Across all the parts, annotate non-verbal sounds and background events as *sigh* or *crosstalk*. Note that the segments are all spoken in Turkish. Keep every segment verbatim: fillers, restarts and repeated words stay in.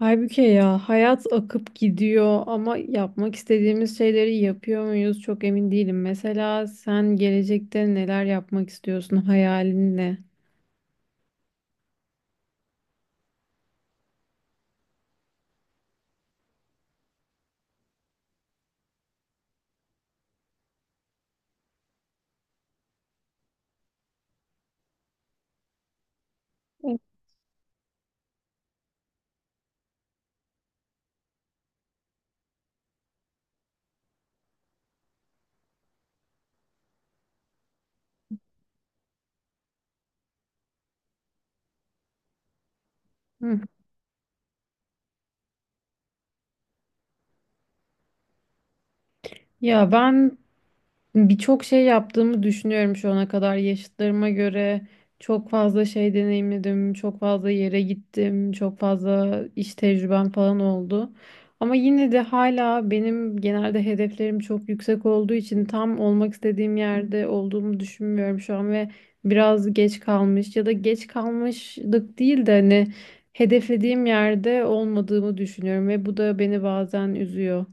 Halbuki ya hayat akıp gidiyor ama yapmak istediğimiz şeyleri yapıyor muyuz çok emin değilim. Mesela sen gelecekte neler yapmak istiyorsun? Hayalin ne? Hı. Ya ben Birçok şey yaptığımı düşünüyorum şu ana kadar yaşıtlarıma göre. Çok fazla şey deneyimledim, çok fazla yere gittim, çok fazla iş tecrübem falan oldu. Ama yine de hala benim genelde hedeflerim çok yüksek olduğu için tam olmak istediğim yerde olduğumu düşünmüyorum şu an ve biraz geç kalmış ya da geç kalmışlık değil de hani hedeflediğim yerde olmadığımı düşünüyorum ve bu da beni bazen üzüyor.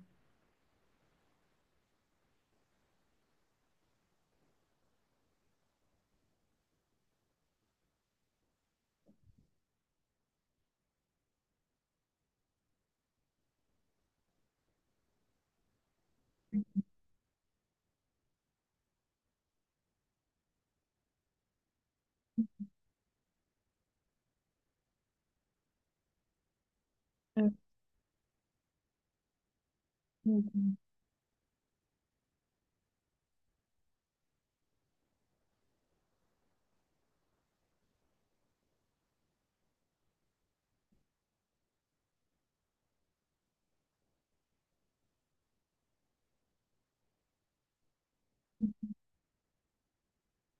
Evet.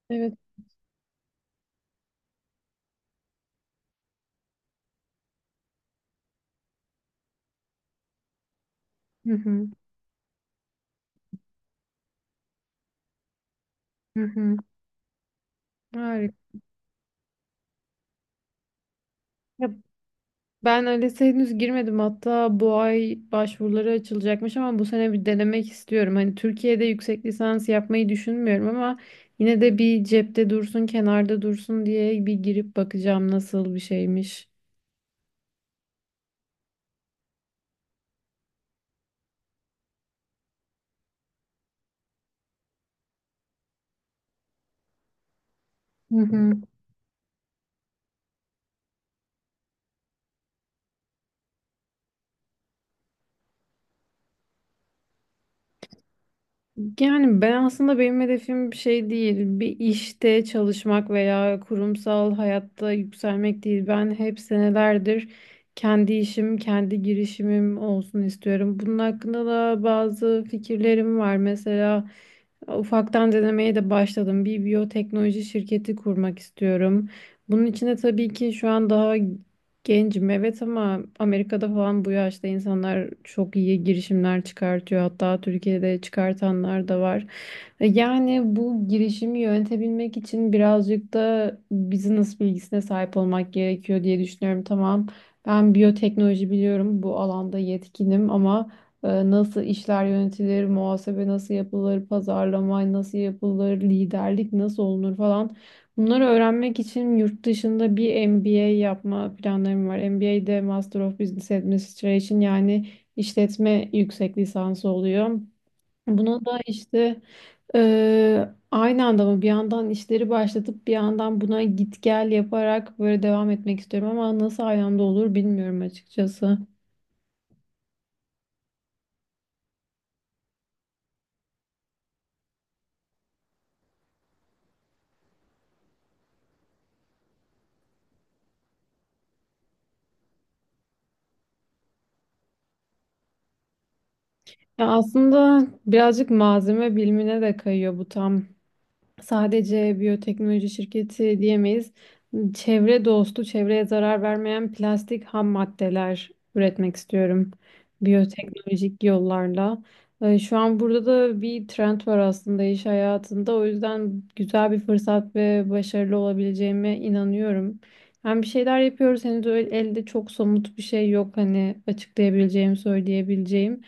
Evet. Hı. Hı hı. Hı hı. Harika. Ya ben ALES'e henüz girmedim, hatta bu ay başvuruları açılacakmış ama bu sene bir denemek istiyorum. Hani Türkiye'de yüksek lisans yapmayı düşünmüyorum ama yine de bir cepte dursun, kenarda dursun diye bir girip bakacağım nasıl bir şeymiş. Hı hı. Yani ben aslında benim hedefim bir şey değil. Bir işte çalışmak veya kurumsal hayatta yükselmek değil. Ben hep senelerdir kendi işim, kendi girişimim olsun istiyorum. Bunun hakkında da bazı fikirlerim var. Mesela ufaktan denemeye de başladım. Bir biyoteknoloji şirketi kurmak istiyorum. Bunun için de tabii ki şu an daha gencim, evet, ama Amerika'da falan bu yaşta insanlar çok iyi girişimler çıkartıyor. Hatta Türkiye'de çıkartanlar da var. E, Yani bu girişimi yönetebilmek için birazcık da business bilgisine sahip olmak gerekiyor diye düşünüyorum. Tamam, ben biyoteknoloji biliyorum, bu alanda yetkinim ama e, nasıl işler yönetilir, muhasebe nasıl yapılır, pazarlama nasıl yapılır, liderlik nasıl olunur falan. Bunları öğrenmek için yurt dışında bir M B A yapma planlarım var. M B A'de Master of Business Administration, yani işletme yüksek lisansı oluyor. Buna da işte eee, aynı anda mı bir yandan işleri başlatıp bir yandan buna git gel yaparak böyle devam etmek istiyorum ama nasıl aynı anda olur bilmiyorum açıkçası. Ya aslında birazcık malzeme bilimine de kayıyor, bu tam sadece biyoteknoloji şirketi diyemeyiz. Çevre dostu, çevreye zarar vermeyen plastik ham maddeler üretmek istiyorum biyoteknolojik yollarla. Ee, Şu an burada da bir trend var aslında iş hayatında. O yüzden güzel bir fırsat ve başarılı olabileceğime inanıyorum. Hem bir şeyler yapıyoruz, henüz öyle elde çok somut bir şey yok hani açıklayabileceğim, söyleyebileceğim.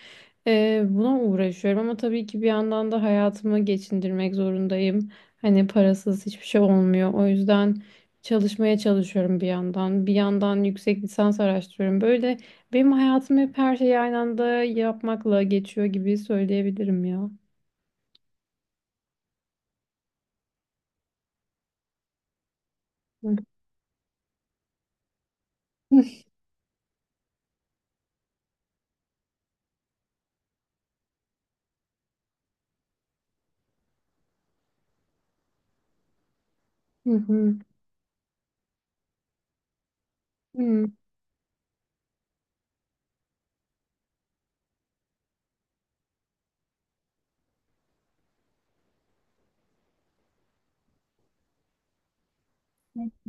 Ee, buna uğraşıyorum ama tabii ki bir yandan da hayatımı geçindirmek zorundayım. Hani parasız hiçbir şey olmuyor. O yüzden çalışmaya çalışıyorum bir yandan. Bir yandan yüksek lisans araştırıyorum. Böyle benim hayatım hep her şeyi aynı anda yapmakla geçiyor gibi söyleyebilirim ya. *laughs* Hı hı. Hı. Hı.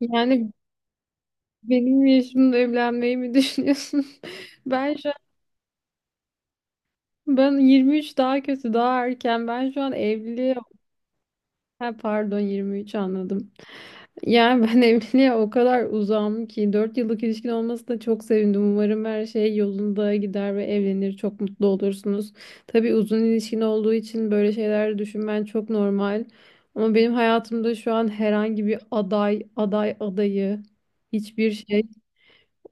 Yani benim yaşımda evlenmeyi mi düşünüyorsun? *laughs* Ben şu an ben yirmi üç, daha kötü, daha erken. Ben şu an evliliğe... Ha, pardon, yirmi üç anladım. Yani ben *laughs* evliliğe o kadar uzağım ki dört yıllık ilişkin olmasına çok sevindim. Umarım her şey yolunda gider ve evlenir. Çok mutlu olursunuz. Tabii uzun ilişkin olduğu için böyle şeyler düşünmen çok normal. Ama benim hayatımda şu an herhangi bir aday, aday adayı, hiçbir şey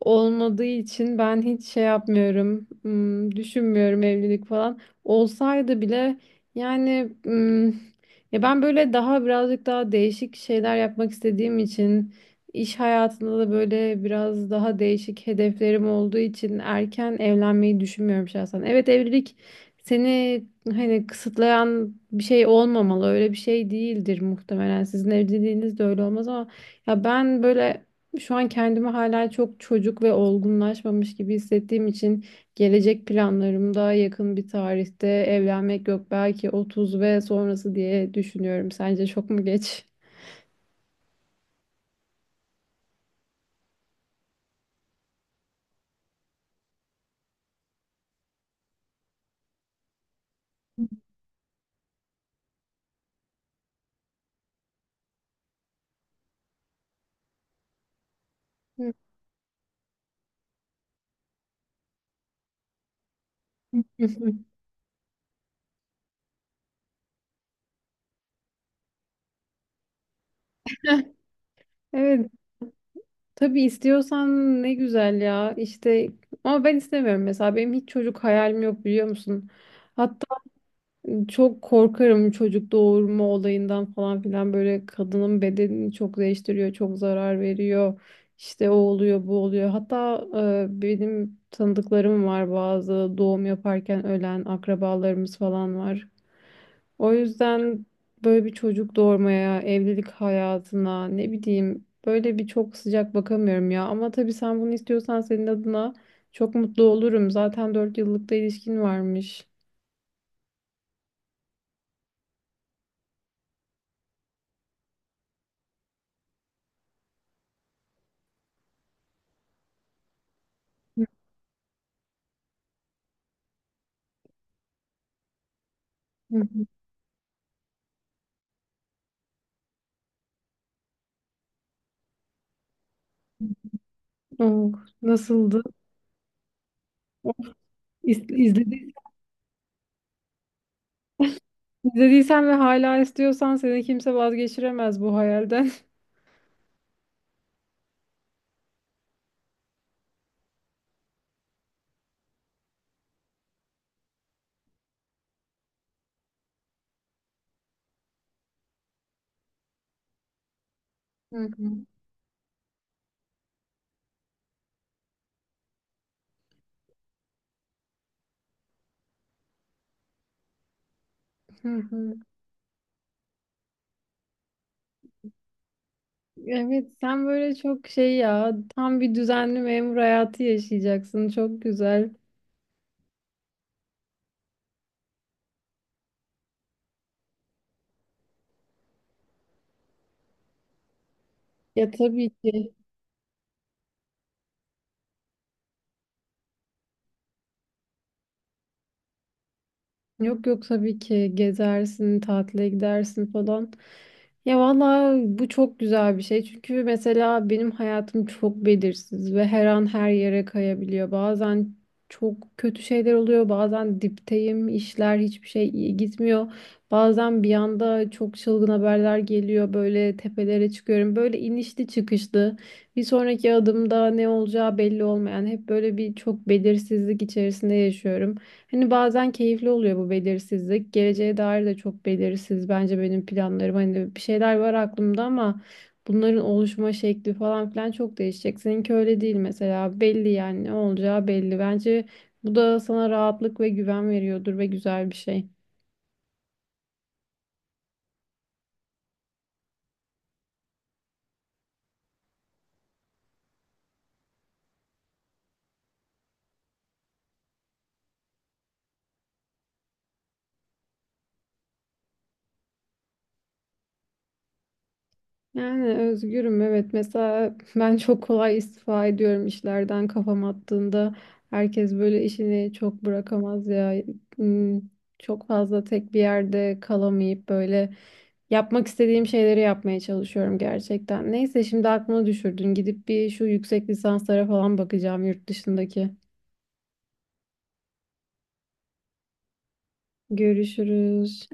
olmadığı için ben hiç şey yapmıyorum, hmm, düşünmüyorum evlilik falan. Olsaydı bile, yani, hmm, ya ben böyle daha birazcık daha değişik şeyler yapmak istediğim için iş hayatında da böyle biraz daha değişik hedeflerim olduğu için erken evlenmeyi düşünmüyorum şahsen. Evet, evlilik seni hani kısıtlayan bir şey olmamalı. Öyle bir şey değildir muhtemelen. Sizin evliliğiniz de öyle olmaz ama ya ben böyle şu an kendimi hala çok çocuk ve olgunlaşmamış gibi hissettiğim için gelecek planlarımda yakın bir tarihte evlenmek yok, belki otuz ve sonrası diye düşünüyorum. Sence çok mu geç? Hı. *laughs* Evet, tabii istiyorsan ne güzel ya. İşte ama ben istemiyorum mesela, benim hiç çocuk hayalim yok, biliyor musun? Çok korkarım çocuk doğurma olayından falan filan, böyle kadının bedenini çok değiştiriyor, çok zarar veriyor. İşte o oluyor, bu oluyor. Hatta e, benim tanıdıklarım var, bazı doğum yaparken ölen akrabalarımız falan var. O yüzden böyle bir çocuk doğurmaya, evlilik hayatına ne bileyim böyle bir çok sıcak bakamıyorum ya. Ama tabii sen bunu istiyorsan senin adına çok mutlu olurum. Zaten dört yıllık da ilişkin varmış. Hı hı. Oh, nasıldı? İz- İzledi, izlediysen ve hala istiyorsan seni kimse vazgeçiremez bu hayalden. *laughs* Hı hı, hı hı. Evet, sen böyle çok şey ya, tam bir düzenli memur hayatı yaşayacaksın. Çok güzel. Ya tabii ki. Yok yok, tabii ki gezersin, tatile gidersin falan. Ya valla bu çok güzel bir şey. Çünkü mesela benim hayatım çok belirsiz ve her an her yere kayabiliyor. Bazen çok kötü şeyler oluyor. Bazen dipteyim, işler hiçbir şey iyi gitmiyor. Bazen bir anda çok çılgın haberler geliyor. Böyle tepelere çıkıyorum. Böyle inişli çıkışlı. Bir sonraki adımda ne olacağı belli olmayan hep böyle bir çok belirsizlik içerisinde yaşıyorum. Hani bazen keyifli oluyor bu belirsizlik. Geleceğe dair de çok belirsiz. Bence benim planlarım hani bir şeyler var aklımda ama bunların oluşma şekli falan filan çok değişecek. Seninki öyle değil mesela. Belli, yani ne olacağı belli. Bence bu da sana rahatlık ve güven veriyordur ve güzel bir şey. Yani özgürüm, evet, mesela *laughs* ben çok kolay istifa ediyorum işlerden kafam attığında, herkes böyle işini çok bırakamaz ya. Hmm, çok fazla tek bir yerde kalamayıp böyle yapmak istediğim şeyleri yapmaya çalışıyorum gerçekten. Neyse şimdi aklıma düşürdün, gidip bir şu yüksek lisanslara falan bakacağım yurt dışındaki. Görüşürüz.